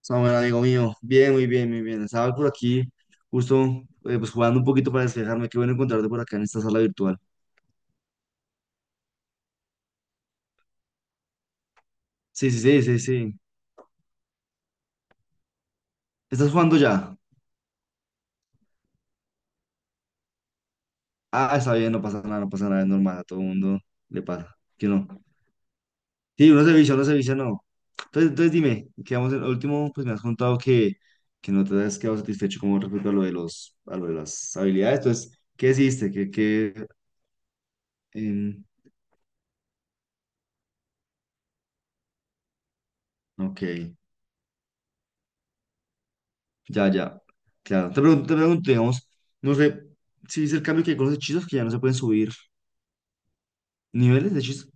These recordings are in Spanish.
Samuel, amigo mío, bien, muy bien, muy bien. Estaba por aquí, justo pues jugando un poquito para despejarme. Qué bueno encontrarte por acá en esta sala virtual. Sí, sí, sí, sí, sí. ¿Estás jugando ya? Ah, está bien, no pasa nada, no pasa nada, es normal, a todo el mundo le pasa. Que no. Sí, uno se vicia, no. Entonces dime, quedamos en el último, pues me has contado que no te has quedado satisfecho con respecto a lo de los, a lo de las habilidades. Entonces, ¿qué hiciste? ¿Qué, qué, em, ok. Ya, ya, claro. Te pregunto, digamos, no sé si es el cambio que hay con los hechizos que ya no se pueden subir niveles de hechizos.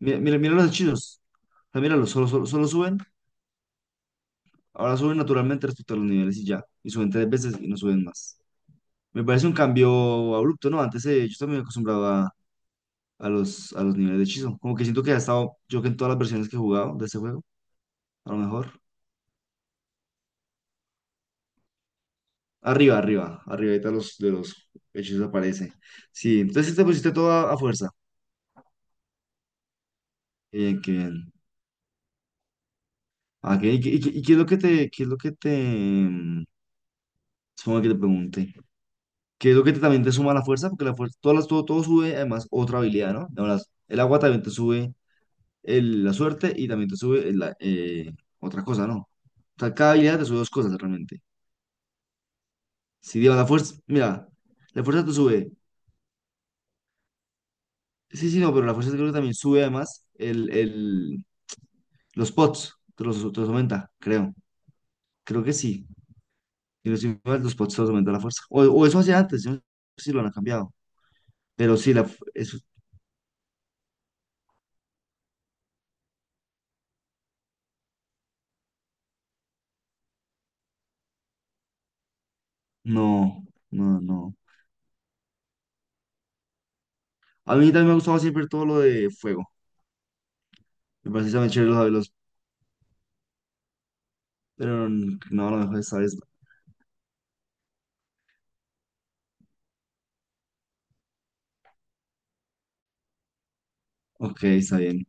Mira los hechizos. O sea, míralos, solo suben, ahora suben naturalmente respecto a los niveles y ya. Y suben tres veces y no suben más. Me parece un cambio abrupto, ¿no? Antes yo también me acostumbraba a a los niveles de hechizo. Como que siento que ha estado, yo que en todas las versiones que he jugado de este juego, a lo mejor. Arriba, de de los hechizos aparece. Sí, entonces sí te pusiste todo a fuerza. Bien, qué bien. Ah, ¿ qué es lo que te, qué es lo que te, supongo que te pregunte? ¿Qué es lo que te- también te suma la fuerza? Porque la fuerza, todas las- todo, todo sube, además, otra habilidad, ¿no? Además, el agua también te sube el- la suerte y también te sube el- otra cosa, ¿no? O sea, cada habilidad te sube dos cosas realmente. Si digo, la fuerza, mira, la fuerza te sube. Sí, sí, no, pero la fuerza creo que también sube además el, los pots, te los aumenta, creo. Creo que sí. Y los pots te los aumenta la fuerza. O eso hacía antes, yo no sé si lo han cambiado. Pero sí, la, eso, no, no, no. A mí también me ha gustado siempre todo lo de fuego. Me parece también chévere los Javelos, pero n- no, a lo mejor esta vez. No. Ok, está bien.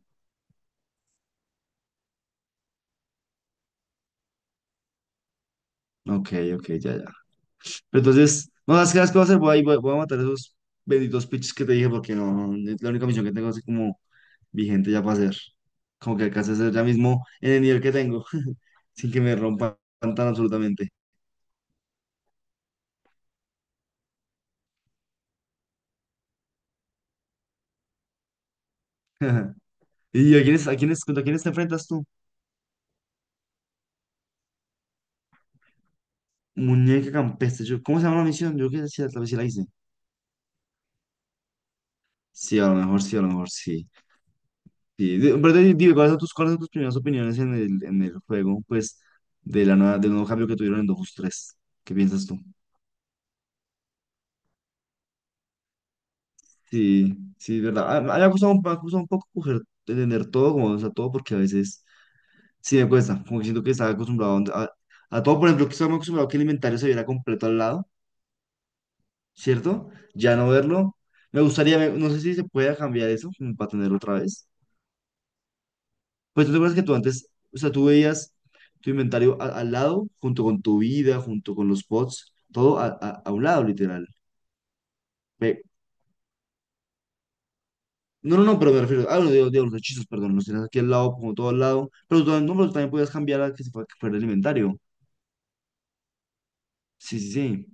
Ok, ok, ya, ya. Pero entonces, no sabes qué las que voy a hacer, voy a, ir- voy a voy a matar esos benditos pitches que te dije porque no, no, es la única misión que tengo así como vigente ya para hacer. Como que alcance a hacer ya mismo en el nivel que tengo, sin que me rompan tan absolutamente. ¿Y a quiénes, contra quiénes te enfrentas tú? Muñeca campestre. Yo, ¿cómo se llama la misión? Yo creo que sí, tal vez sí la hice. Sí, a lo mejor sí, a lo mejor sí. Sí. De- Pero di- dime, cuáles son tus primeras opiniones en en el juego? Pues, de la nueva, del nuevo cambio que tuvieron en Dofus tres. ¿Qué piensas tú? Sí, sí, es verdad. Ah, me ha costado, un me ha costado un poco coger, entender todo, como, o sea, todo, porque a veces sí me cuesta. Como que siento que estaba acostumbrado a, donde- a todo. Por ejemplo, que estaba acostumbrado a que el inventario se viera completo al lado, ¿cierto? Ya no verlo. Me gustaría, ver- no sé si se puede cambiar eso, como para tenerlo otra vez. Pues tú te acuerdas que tú antes, o sea, tú veías tu inventario a- al lado, junto con tu vida, junto con los pods, todo a un lado, literal. Ve- No, no, no, pero me refiero, ah, digo, digo, los hechizos, perdón, los tienes aquí al lado, como todo al lado, pero tú, también- no, pero tú también podías cambiar a que se fue- que fuera el inventario. Sí, sí, sí.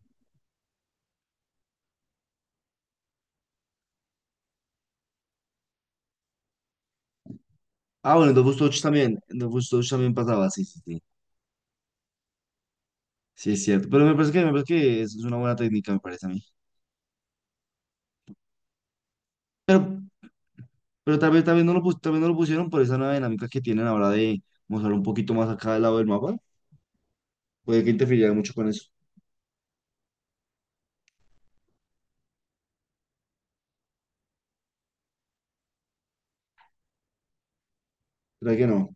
Ah, bueno, en Dofus Touch también, en Dofus Touch también pasaba, sí, sí, sí. Sí, es cierto, pero me parece me parece que es una buena técnica, me parece a mí. Pero, pero tal vez no lo, pus- tal vez no lo pusieron por esa nueva dinámica que tienen ahora de mostrar un poquito más acá del lado del mapa. Puede que interfiriera mucho con eso. ¿Verdad que no?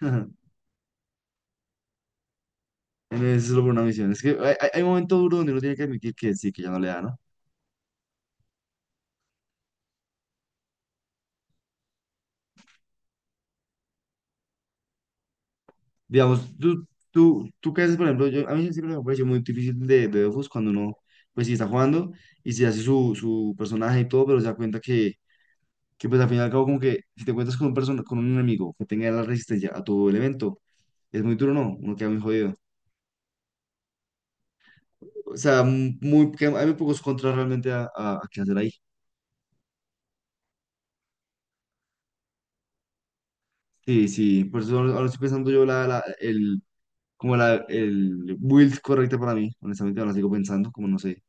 Ajá. En vez de solo por una misión. Es que hay, hay momentos duros donde uno tiene que admitir que sí, que ya no le da, ¿no? Digamos, tú qué haces, por ejemplo, yo, a mí siempre me pareció muy difícil de Dofus cuando uno, pues sí está jugando y se hace su, su personaje y todo, pero se da cuenta que pues al final y al cabo como que si te encuentras con un, persona, con un enemigo que tenga la resistencia a tu elemento, es muy duro, ¿no? Uno queda muy jodido. O sea, m- muy, que hay muy pocos contras realmente a qué hacer ahí. Sí, sí, por eso ahora estoy pensando yo la, el como la, el build correcta para mí. Honestamente, ahora sigo pensando, como no sé.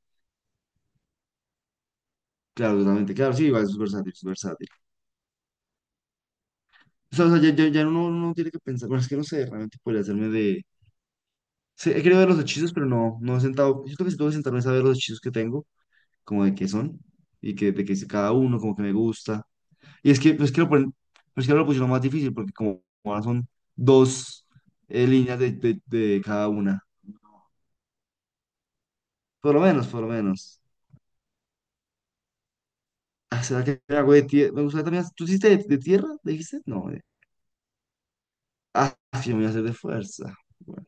Claro, totalmente. Claro, sí, igual es versátil, es versátil. O sea, ya uno no tiene que pensar. Bueno, es que no sé, realmente podría hacerme de. Sí, he querido ver los hechizos, pero no, no he sentado. Yo creo que si tengo que sentarme es a ver los hechizos que tengo, como de qué son, y que, de qué es cada uno, como que me gusta. Y es que, pues, que lo ponen, pues que ahora lo pusieron más difícil, porque como ahora son dos líneas de cada una. Por lo menos, por lo menos. Ah, ¿será que hago de tierra? Me gustaría también. ¿Tú hiciste de tierra? ¿Le dijiste? No. De- Ah, sí, me voy a hacer de fuerza. Bueno.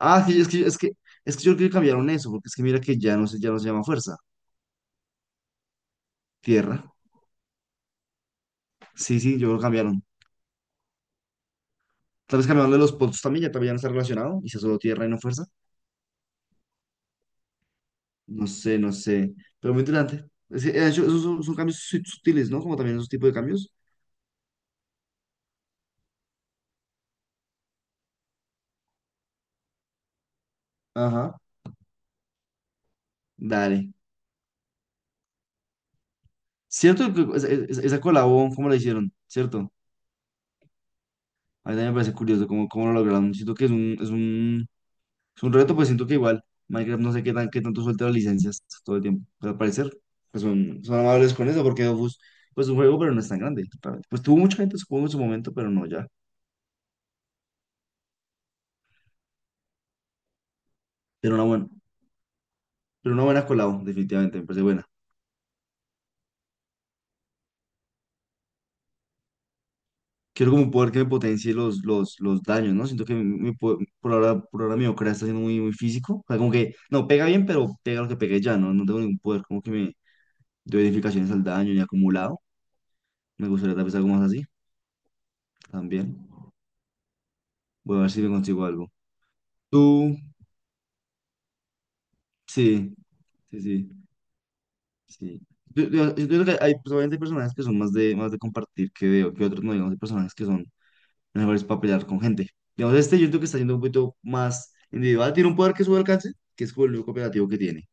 Ah, sí, es que yo creo que cambiaron eso, porque es que mira que ya no se llama fuerza. Tierra. Sí, sí, yo creo que cambiaron. Tal vez cambiaron de los puntos también ya no está relacionado. Y sea solo tierra y no fuerza. No sé, no sé. Pero muy interesante. Es que, yo- esos son, son cambios su- sutiles, ¿no? Como también esos tipos de cambios. Ajá. Dale. Cierto que esa colabón, ¿cómo la hicieron? ¿Cierto? A mí también me parece curioso cómo, cómo lo lograron. Siento que es un, es un es un reto, pues siento que igual Minecraft no sé qué, tan, qué tanto suelta las licencias todo el tiempo. Pues al parecer, pues son, son amables con eso, porque Dofus, pues un juego, pero no es tan grande. Realmente. Pues tuvo mucha gente, supongo, en su momento, pero no ya. Pero una buena, pero una buena colado definitivamente, me parece buena. Quiero como un poder que me potencie los daños, ¿no? Siento que mi- mi po- por ahora mi Okra está siendo muy, muy físico. O sea, como que, no, pega bien, pero pega lo que pegué ya, ¿no? No tengo ningún poder como que me doy edificaciones al daño ni acumulado. Me gustaría tal vez algo más así, también. Voy a ver si me consigo algo. ¿Tú? Sí, sí, sí, sí. Yo creo que hay, pues, obviamente, hay personajes que son más de compartir que de, que otros, no, digamos, hay personajes que son mejores para pelear con gente. Digamos, este yo creo que está yendo un poquito más individual, tiene un poder que sube alcance, que es como el único cooperativo que tiene,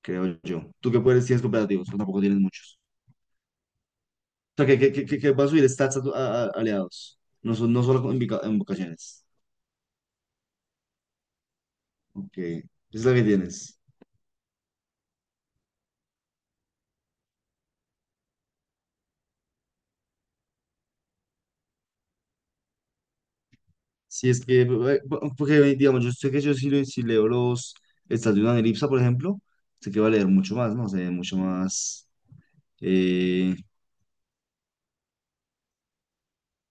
creo yo. ¿Tú qué poderes tienes cooperativos? Pues tampoco tienes muchos. O sea, que vas a subir stats a, tu- a- aliados, no, son, no solo con invoca- invocaciones. Ok, esa es la que tienes. Si es que, po- porque digamos, yo sé que yo si, le- si leo los estados de una elipsa, por ejemplo, sé que va a leer mucho más, ¿no? Se ve mucho más eh,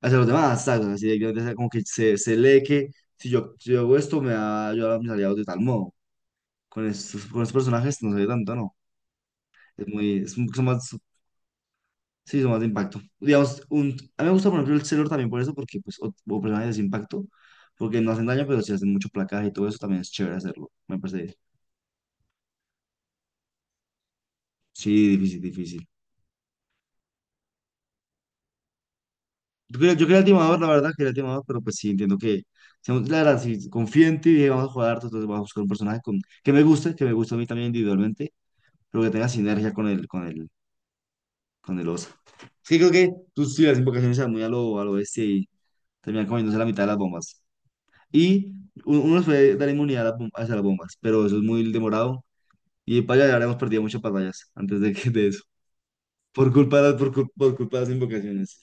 hacia los demás, ¿sabes? Así directamente, o sea, como que se lee que si yo, si yo hago esto, me va a ayudar a mis aliados de tal modo. Con estos personajes no se ve tanto, ¿no? Es muy, es un- son más, sí, son más de impacto. Digamos, un, a mí me gusta, por ejemplo, el Sailor también por eso, porque, pues, o personajes de impacto, porque no hacen daño, pero si hacen mucho placaje y todo eso, también es chévere hacerlo, me parece. Sí, difícil, difícil. Yo quería el timador, la verdad, quería el timador, pero pues sí, entiendo que, seamos- la verdad, si confío en ti y dije, vamos a jugar harto, entonces vamos a buscar un personaje con, que me guste a mí también individualmente, pero que tenga sinergia con el, con el oso. Sí, creo que tú sí, las invocaciones eran muy a lo bestia y terminan comiéndose la mitad de las bombas. Y u- uno les puede dar inmunidad a las, bom- hacia las bombas, pero eso es muy demorado y para allá habríamos perdido muchas batallas antes de que de eso, por culpa de, las- por, cul- por culpa de las invocaciones.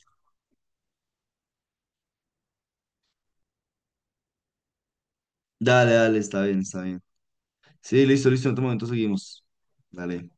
Dale, dale, está bien, está bien. Sí, listo, listo, en otro momento seguimos. Dale.